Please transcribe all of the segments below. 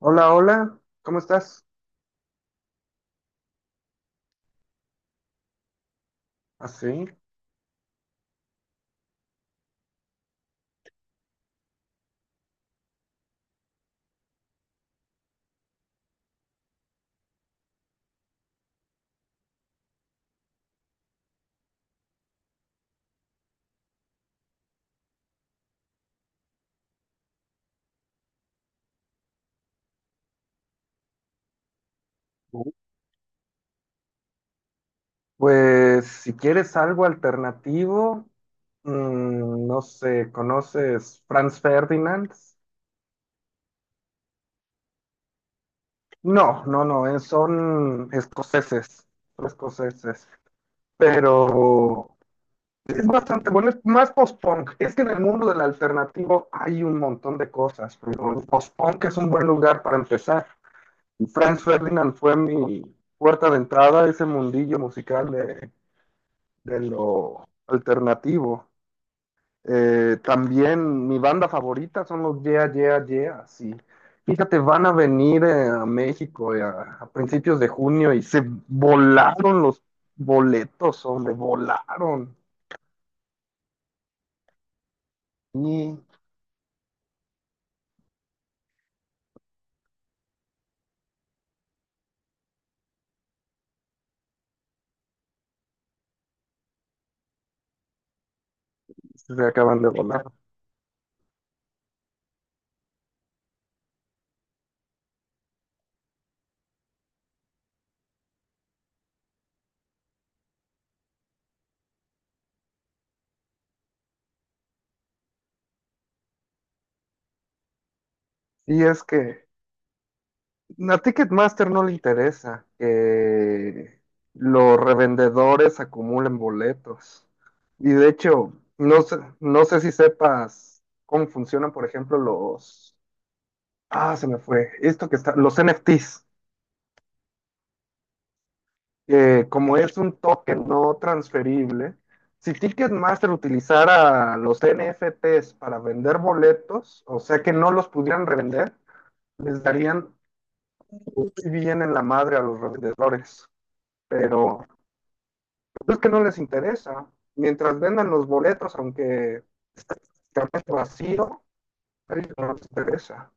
Hola, hola, ¿cómo estás? Así. Pues si quieres algo alternativo, no sé, ¿conoces Franz Ferdinand? No, no, no, son escoceses, son escoceses, pero es bastante bueno, es más post-punk. Es que en el mundo del alternativo hay un montón de cosas, pero el post-punk es un buen lugar para empezar. Franz Ferdinand fue mi puerta de entrada a ese mundillo musical de lo alternativo. También mi banda favorita son los Yeah, Yeah, Yeah, sí. Fíjate, van a venir a México, a principios de junio y se volaron los boletos, hombre, volaron. Y se acaban de volar. Y es que a Ticketmaster no le interesa que los revendedores acumulen boletos. Y de hecho, no sé, si sepas cómo funcionan, por ejemplo, los... Ah, se me fue. Esto que está... Los NFTs. Que como es un token no transferible, si Ticketmaster utilizara los NFTs para vender boletos, o sea que no los pudieran revender, les darían muy bien en la madre a los revendedores. Pero pues es que no les interesa. Mientras vendan los boletos, aunque esté prácticamente vacío, a ellos no les interesa.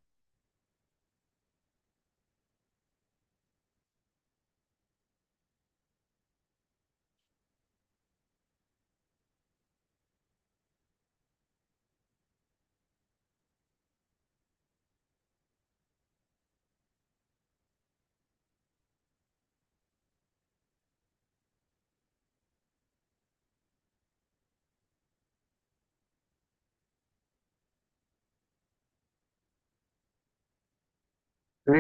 Sí,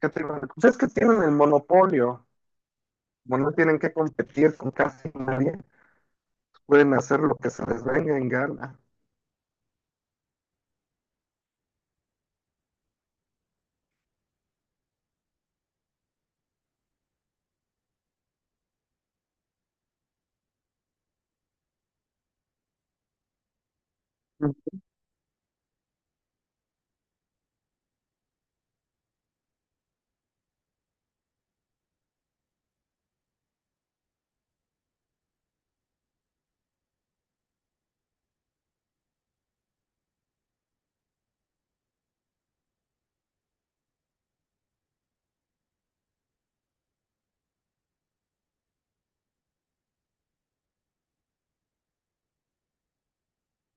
¿qué te iba a- decir? Pues es que tienen el monopolio. Bueno, no tienen que competir con casi nadie. Pueden hacer lo que se les venga en gana.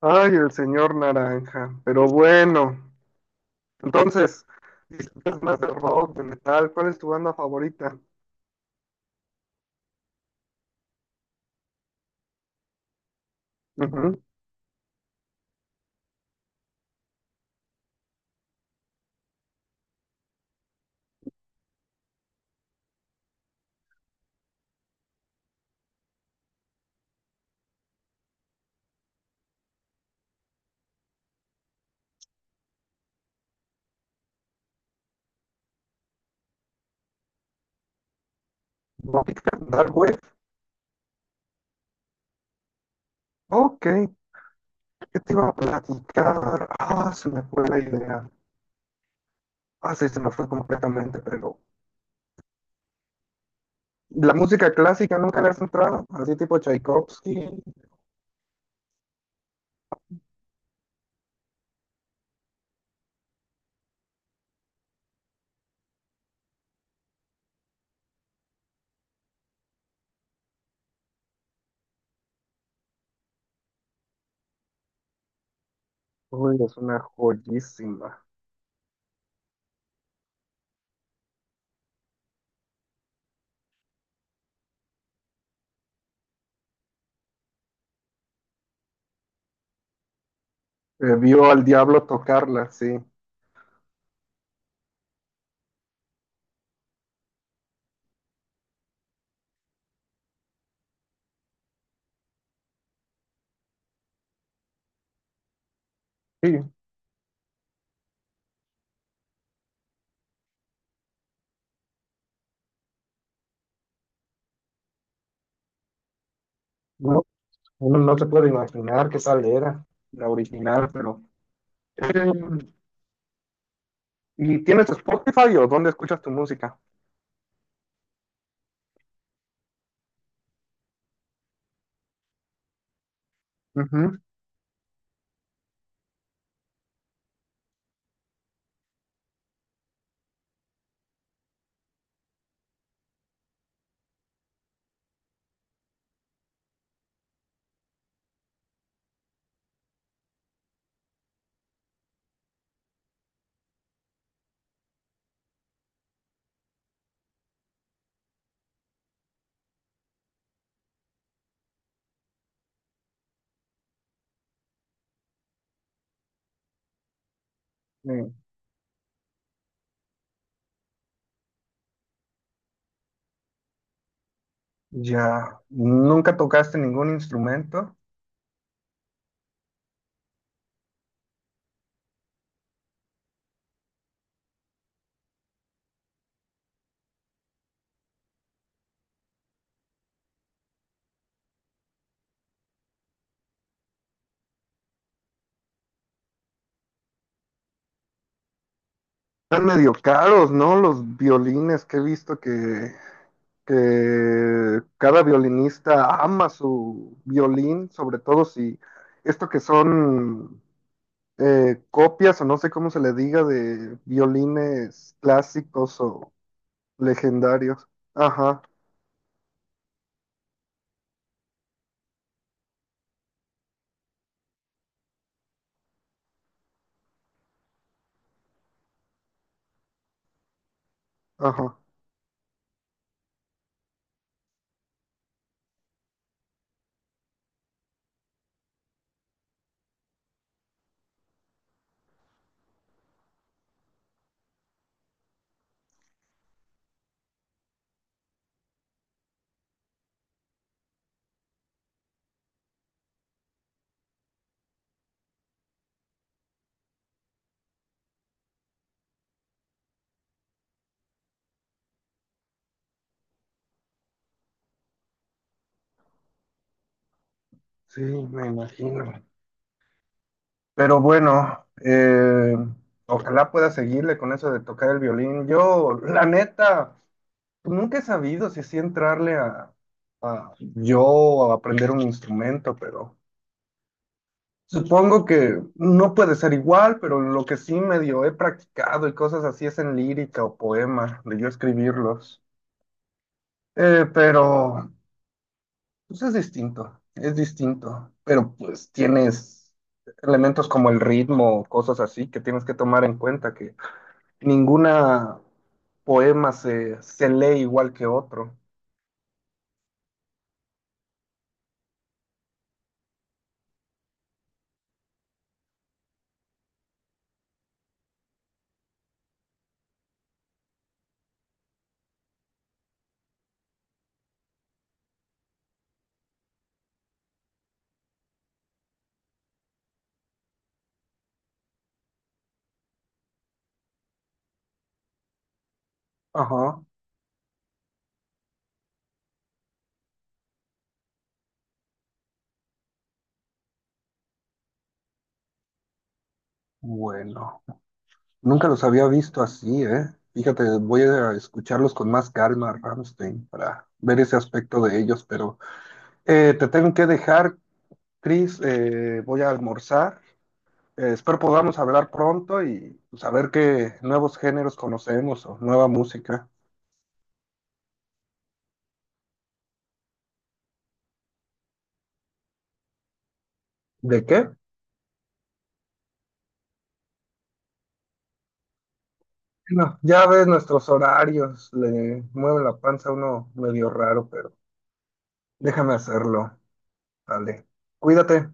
Ay, el señor Naranja. Pero bueno, entonces, disfrutas más de rock, de metal. ¿Cuál es tu banda favorita? Ujú. Dark Wave. Ok, ¿qué te iba a platicar? Ah, se me fue la idea. Ah, sí, se me fue completamente, pero la música clásica nunca le has entrado, así tipo Tchaikovsky. Uy, es una joyísima. Vio al diablo tocarla, sí. Sí, no, uno no se puede imaginar qué tal era la original, pero... eh, ¿y tienes Spotify o dónde escuchas tu música? Ujú, eh, ya, ¿nunca tocaste ningún instrumento? Están medio caros, ¿no? Los violines que he visto que cada violinista ama su violín, sobre todo si esto que son copias o no sé cómo se le diga de violines clásicos o legendarios. Ajá, ajá. Sí, me imagino. Pero bueno, ojalá pueda seguirle con eso de tocar el violín. Yo, la neta, pues nunca he sabido si sí entrarle a yo a aprender un instrumento, pero supongo que no puede ser igual, pero lo que sí medio he practicado y cosas así es en lírica o poema, de yo escribirlos. Pero pues es distinto, es distinto. Pero pues tienes elementos como el ritmo, cosas así que tienes que tomar en cuenta que ninguna poema se lee igual que otro. Ajá, bueno. Nunca los había visto así, ¿eh? Fíjate, voy a escucharlos con más calma, Rammstein, para ver ese aspecto de ellos, pero te tengo que dejar, Chris, voy a almorzar. Espero podamos hablar pronto y saber qué nuevos géneros conocemos o nueva música. ¿De qué? No, ya ves nuestros horarios, le mueve la panza a uno medio raro, pero déjame hacerlo. Dale, cuídate.